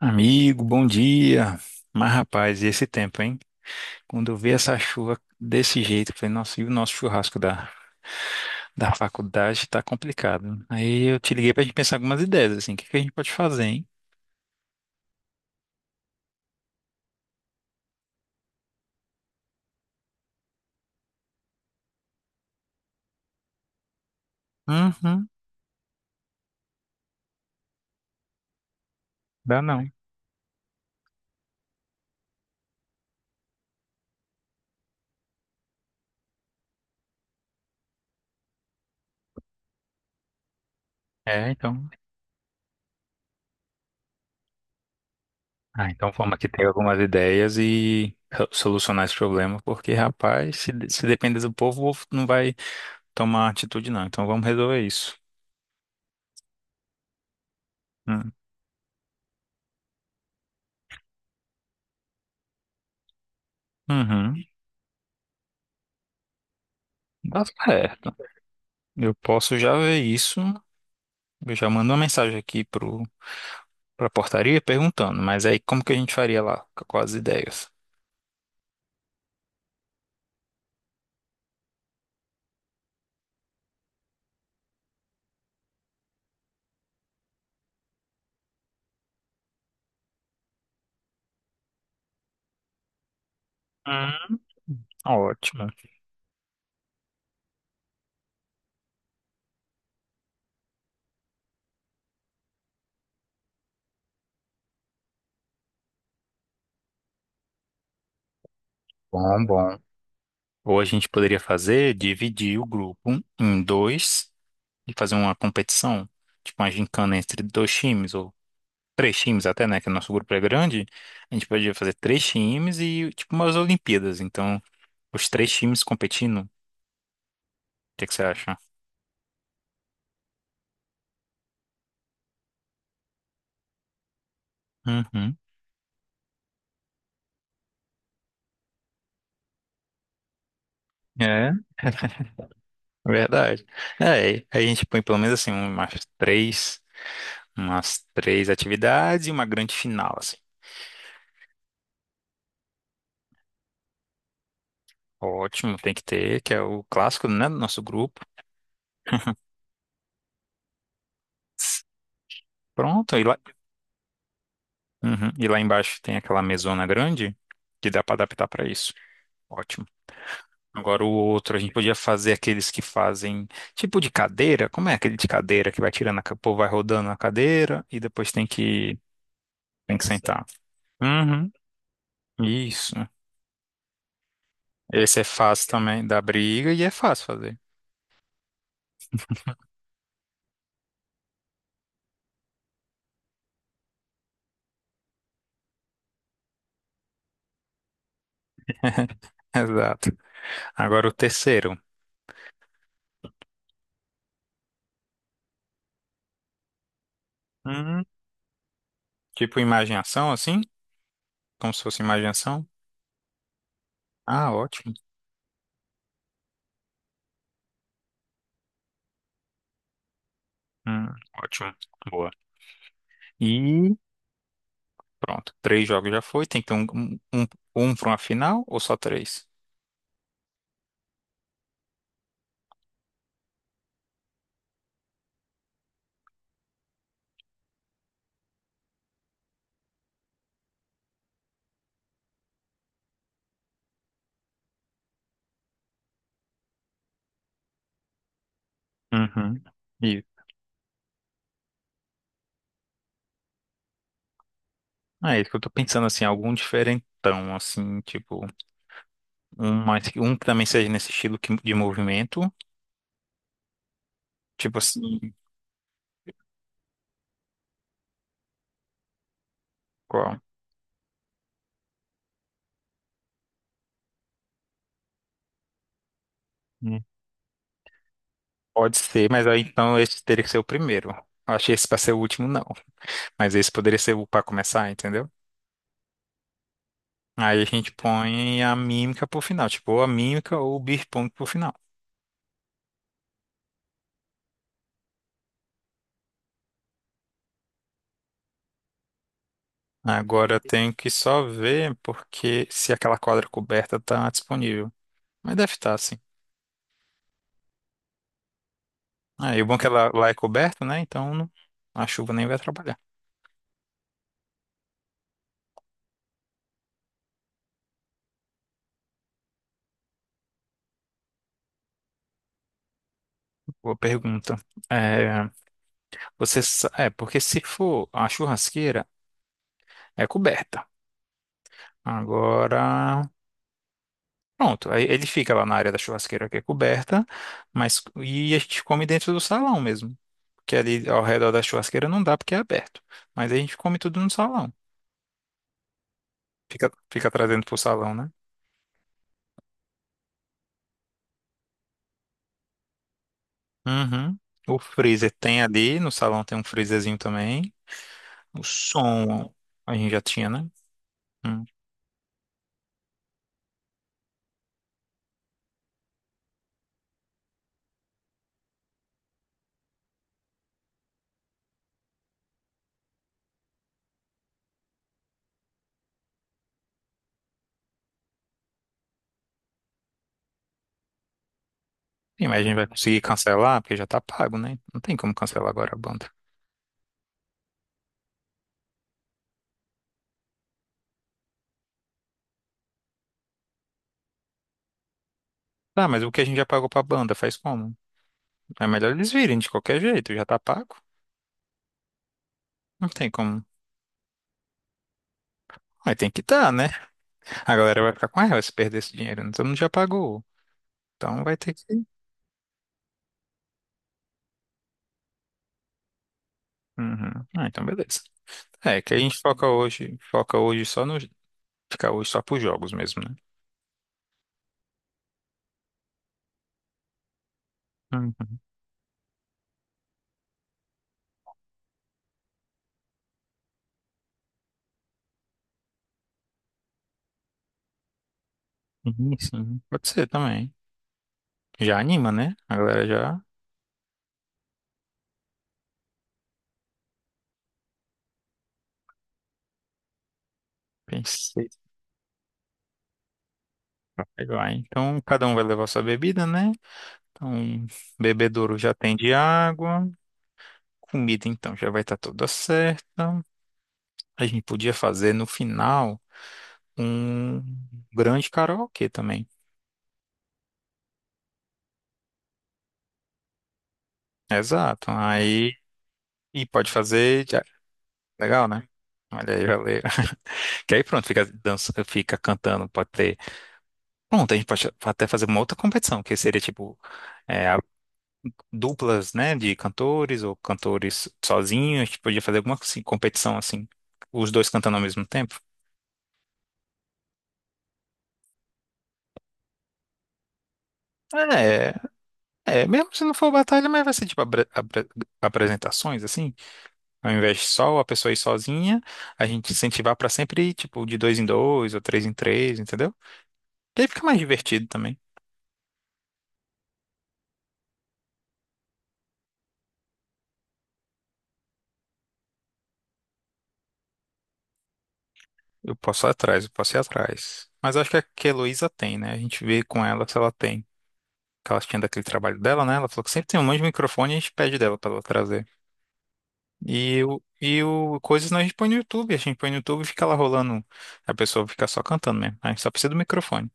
Amigo, bom dia. Mas, rapaz, e esse tempo, hein? Quando eu vi essa chuva desse jeito, eu falei, nossa, e o nosso churrasco da faculdade tá complicado. Aí eu te liguei pra gente pensar algumas ideias, assim, o que que a gente pode fazer, hein? Uhum, dá não. É, então. Ah, então vamos aqui ter algumas ideias e solucionar esse problema, porque, rapaz, se depender do povo, o povo não vai tomar atitude, não. Então vamos resolver isso. Hum. Uhum. Tá certo. Eu posso já ver isso. Eu já mando uma mensagem pra portaria perguntando, mas aí como que a gente faria lá? Quais as ideias? Hum, ótimo. Bom, bom. Ou a gente poderia fazer, dividir o grupo em dois e fazer uma competição, tipo uma gincana entre dois times, ou três times até, né? Que o nosso grupo é grande. A gente poderia fazer três times e tipo umas Olimpíadas. Então, os três times competindo. O que é que você acha? Uhum. É, verdade. É, aí a gente põe pelo menos assim, umas três. Umas três atividades e uma grande final, assim. Ótimo, tem que ter, que é o clássico, né, do nosso grupo. Pronto, e lá, uhum. E lá embaixo tem aquela mesona grande que dá para adaptar para isso. Ótimo. Agora o outro, a gente podia fazer aqueles que fazem tipo de cadeira. Como é aquele de cadeira que vai tirando o povo vai rodando a cadeira e depois tem que sentar. Uhum. Isso. Esse é fácil também, dá briga e é fácil fazer. Exato. Agora o terceiro. Hum, Tipo imaginação, assim? Como se fosse imaginação? Ah, ótimo. Hum, ótimo. Boa. E pronto. Três jogos já foi. Tem que ter um, um para uma final ou só três? Uhum. E ah, é isso que eu tô pensando, assim, algum diferentão, assim, tipo, um que também seja nesse estilo de movimento. Tipo assim, qual? Hum. Pode ser, mas aí então esse teria que ser o primeiro. Eu achei esse pra ser o último, não. Mas esse poderia ser o pra começar, entendeu? Aí a gente põe a mímica pro final, tipo, ou a mímica ou o beer pong pro final. Agora eu tenho que só ver porque se aquela quadra coberta tá disponível. Mas deve estar, sim. Ah, e o bom é que ela lá é coberta, né? Então não, a chuva nem vai atrapalhar. Boa pergunta. É, é, porque se for a churrasqueira, é coberta. Agora. Pronto, aí ele fica lá na área da churrasqueira que é coberta, mas e a gente come dentro do salão mesmo, porque ali ao redor da churrasqueira não dá porque é aberto, mas aí a gente come tudo no salão. Fica trazendo pro salão, né? Uhum. O freezer tem ali, no salão tem um freezerzinho também. O som a gente já tinha, né? Hum. Sim, mas a gente vai conseguir cancelar porque já tá pago, né? Não tem como cancelar agora a banda. Tá, mas o que a gente já pagou pra banda faz como? É melhor eles virem de qualquer jeito, já tá pago. Não tem como. Mas tem que dar, né? A galera vai ficar com raiva se perder esse dinheiro, né? Todo mundo já pagou. Então vai ter que. Uhum. Ah, então beleza. É, que a gente foca hoje só no. Ficar hoje só pros jogos mesmo, né? Uhum. Uhum, sim, pode ser também. Já anima, né? A galera já pensei. Vai, vai. Então cada um vai levar sua bebida, né? Então, bebedouro já tem de água. Comida, então, já vai estar toda certa. A gente podia fazer no final um grande karaokê também. Exato. Aí, e pode fazer. Já, legal, né? Olha aí, valeu. Que aí pronto, fica, dança, fica cantando, pode ter. Pronto, a gente pode até fazer uma outra competição, que seria tipo é, a- duplas, né, de cantores ou cantores sozinhos. A gente podia fazer alguma assim, competição assim, os dois cantando ao mesmo tempo. É, mesmo se não for batalha, mas vai ser tipo apresentações, assim. Ao invés de só a pessoa ir sozinha, a gente incentivar pra sempre ir, tipo, de dois em dois ou três em três, entendeu? E aí fica mais divertido também. Eu posso ir atrás. Mas acho que a Heloísa tem, né? A gente vê com ela se ela tem. Que ela tinha daquele trabalho dela, né? Ela falou que sempre tem um monte de microfone e a gente pede dela pra ela trazer. E o coisas nós a gente põe no YouTube. A gente põe no YouTube e fica lá rolando. A pessoa fica só cantando mesmo, né? A gente só precisa do microfone.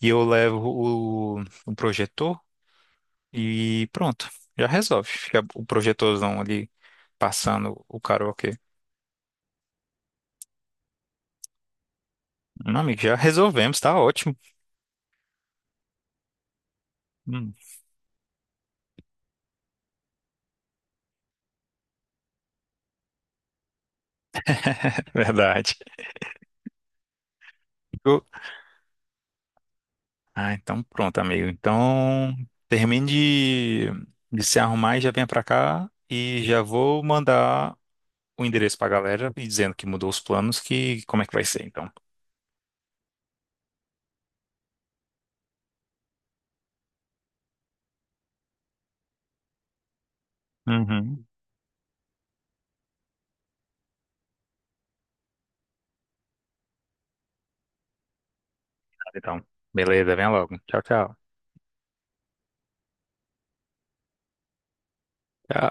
E eu levo o projetor e pronto. Já resolve. Fica o projetorzão ali passando o karaokê. Meu amigo, já resolvemos, tá ótimo. Hum, verdade. Ah, então pronto, amigo. Então termine de, de se arrumar e já venha pra cá e já vou mandar o endereço pra galera e dizendo que mudou os planos, que como é que vai ser então. Uhum. Então, beleza, venha logo. Tchau, tchau. Tchau.